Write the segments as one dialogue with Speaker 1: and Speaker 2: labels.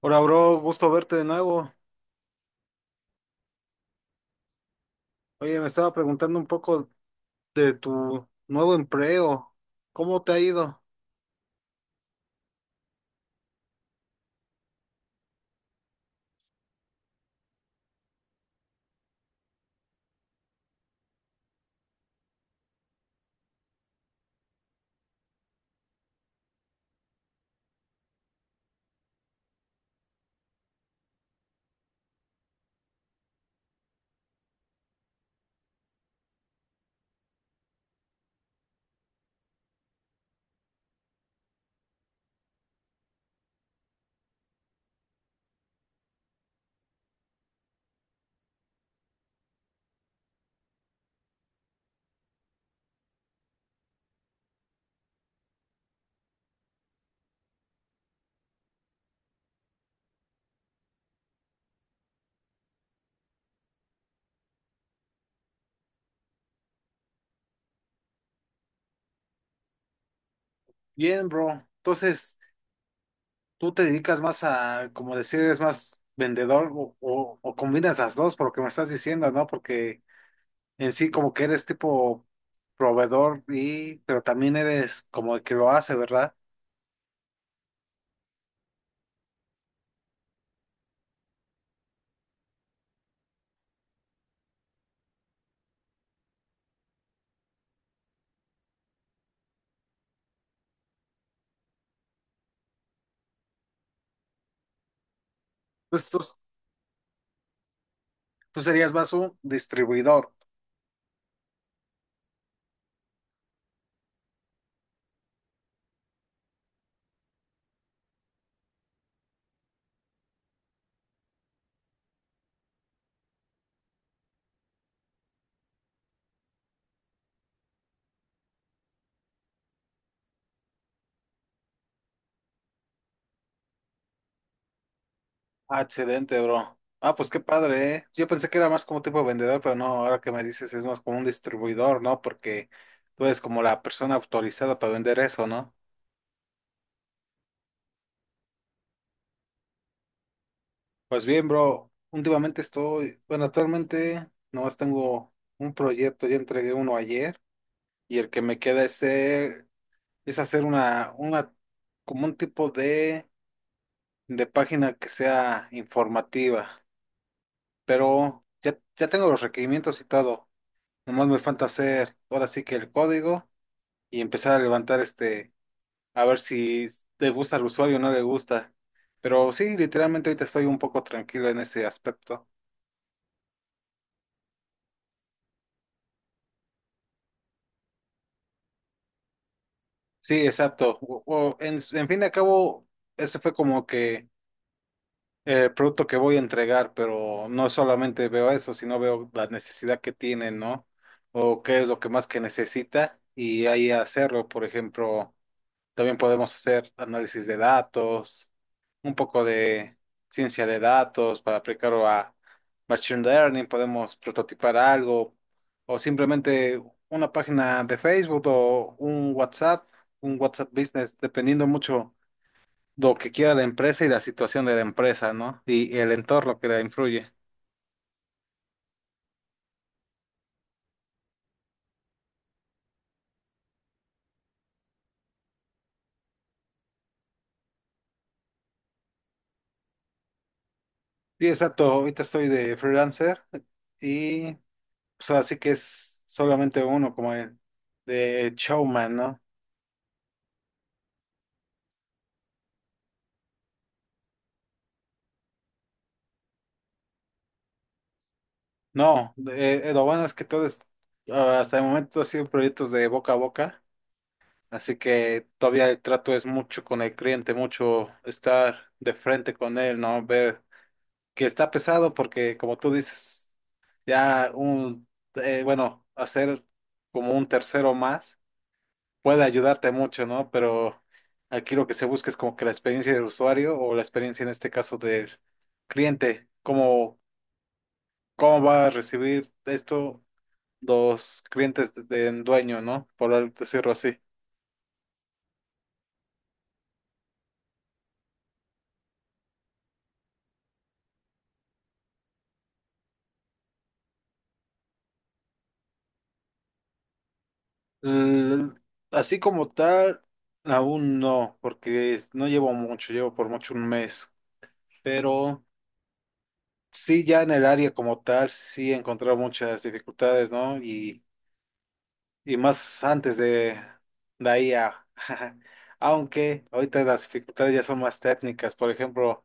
Speaker 1: Hola, bro, gusto verte de nuevo. Oye, me estaba preguntando un poco de tu nuevo empleo. ¿Cómo te ha ido? Bien, bro. Entonces, ¿tú te dedicas más a, como decir, eres más vendedor o combinas las dos por lo que me estás diciendo, ¿no? Porque en sí como que eres tipo proveedor y, pero también eres como el que lo hace, ¿verdad? Pues tú serías más un distribuidor. Ah, excelente, bro. Ah, pues qué padre, ¿eh? Yo pensé que era más como tipo de vendedor, pero no, ahora que me dices es más como un distribuidor, ¿no? Porque tú eres como la persona autorizada para vender eso, ¿no? Pues bien, bro, últimamente estoy, bueno, actualmente nomás tengo un proyecto, ya entregué uno ayer y el que me queda es hacer una, como un tipo de página que sea informativa, pero ya tengo los requerimientos y todo. Nomás me falta hacer ahora sí que el código y empezar a levantar este, a ver si le gusta al usuario o no le gusta. Pero sí, literalmente ahorita estoy un poco tranquilo en ese aspecto. Sí, exacto. En fin de acabo, ese fue como que el producto que voy a entregar, pero no solamente veo eso, sino veo la necesidad que tiene, ¿no? O qué es lo que más que necesita y ahí hacerlo. Por ejemplo, también podemos hacer análisis de datos un poco de ciencia de datos para aplicarlo a machine learning, podemos prototipar algo o simplemente una página de Facebook o un WhatsApp Business, dependiendo mucho lo que quiera la empresa y la situación de la empresa, ¿no? Y el entorno que la influye. Sí, exacto, ahorita estoy de freelancer y pues así que es solamente uno como el de showman, ¿no? No, lo bueno es que todos, ah, hasta el momento, han sido proyectos de boca a boca, así que todavía el trato es mucho con el cliente, mucho estar de frente con él, ¿no? Ver que está pesado porque, como tú dices, ya un, bueno, hacer como un tercero más puede ayudarte mucho, ¿no? Pero aquí lo que se busca es como que la experiencia del usuario o la experiencia en este caso del cliente, cómo, cómo va a recibir esto los clientes del dueño, ¿no? Por decirlo así. L- Así como tal, aún no, porque no llevo mucho, llevo por mucho un mes, pero sí ya en el área como tal, sí he encontrado muchas dificultades, ¿no? Y más antes de la I a aunque ahorita las dificultades ya son más técnicas, por ejemplo.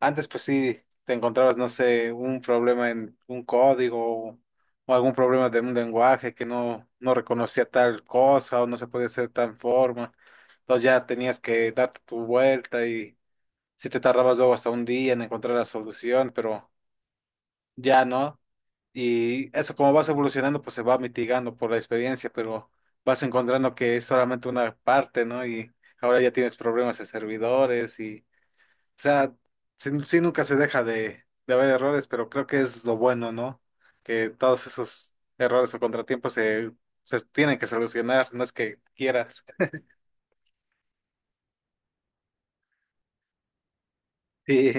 Speaker 1: Antes, pues sí, te encontrabas, no sé, un problema en un código o algún problema de un lenguaje que no, no reconocía tal cosa o no se podía hacer de tal forma. Entonces ya tenías que darte tu vuelta y si te tardabas luego hasta un día en encontrar la solución, pero ya no. Y eso como vas evolucionando, pues se va mitigando por la experiencia, pero vas encontrando que es solamente una parte, ¿no? Y ahora ya tienes problemas de servidores y o sea, sí, sí nunca se deja de haber errores, pero creo que es lo bueno, ¿no? Que todos esos errores o contratiempos se tienen que solucionar, no es que quieras. Y,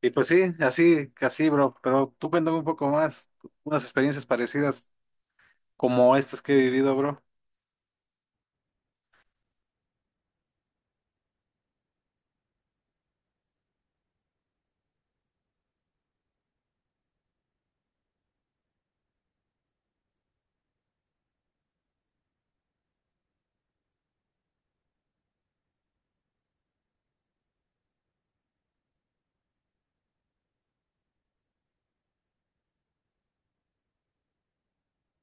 Speaker 1: y pues sí, así, así, bro. Pero tú cuéntame un poco más, unas experiencias parecidas como estas que he vivido, bro.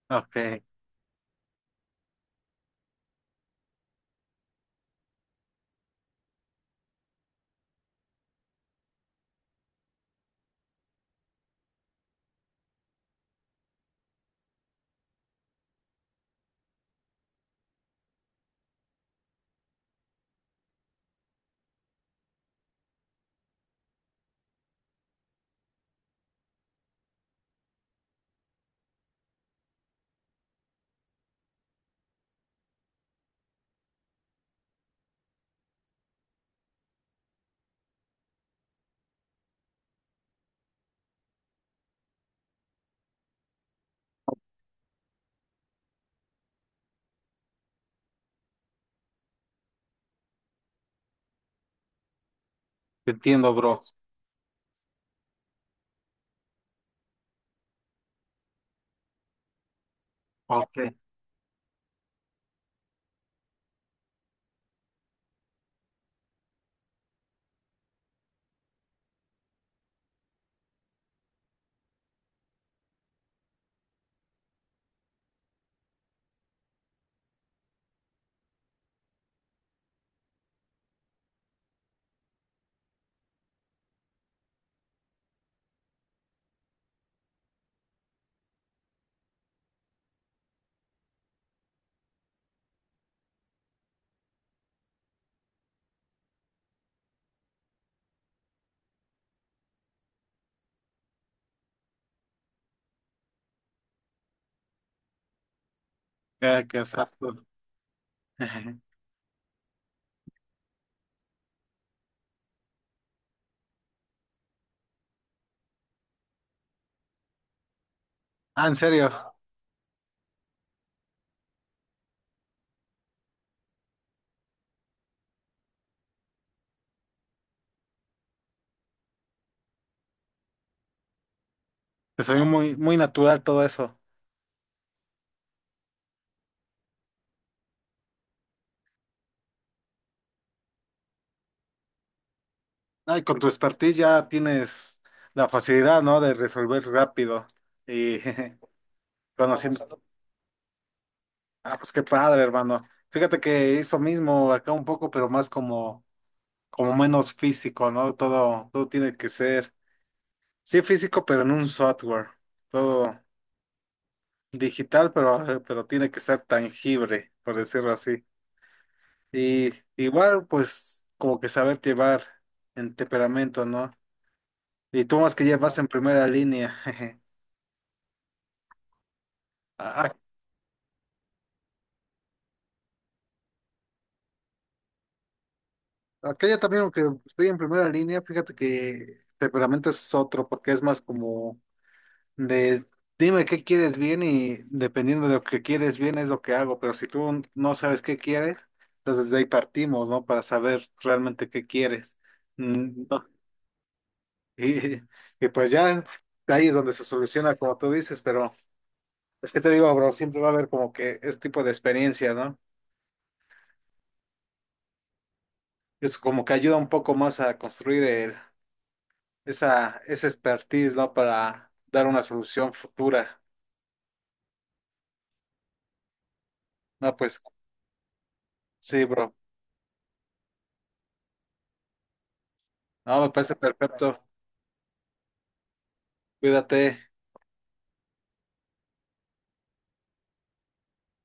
Speaker 1: Ok, te entiendo, bro. Ok, ah qué exacto. Ah, en serio, te salió muy, muy natural todo eso. No, y con tu expertise ya tienes la facilidad, ¿no? De resolver rápido y conociendo. Ah, pues qué padre, hermano. Fíjate que eso mismo acá un poco, pero más como, como menos físico, ¿no? Todo, todo tiene que ser, sí físico, pero en un software. Todo digital, pero tiene que ser tangible, por decirlo así. Y igual, pues, como que saber llevar en temperamento, ¿no? Y tú más que llevas en primera línea. ¿A Acá ya también, aunque estoy en primera línea, fíjate que temperamento es otro, porque es más como de dime qué quieres bien y dependiendo de lo que quieres bien es lo que hago, pero si tú no sabes qué quieres, entonces de ahí partimos, ¿no? Para saber realmente qué quieres. Mm, no. Y, y pues ya ahí es donde se soluciona, como tú dices, pero es que te digo, bro, siempre va a haber como que este tipo de experiencias, ¿no? Es como que ayuda un poco más a construir el esa expertise, ¿no? Para dar una solución futura. No, pues sí, bro. No, me parece perfecto. Cuídate.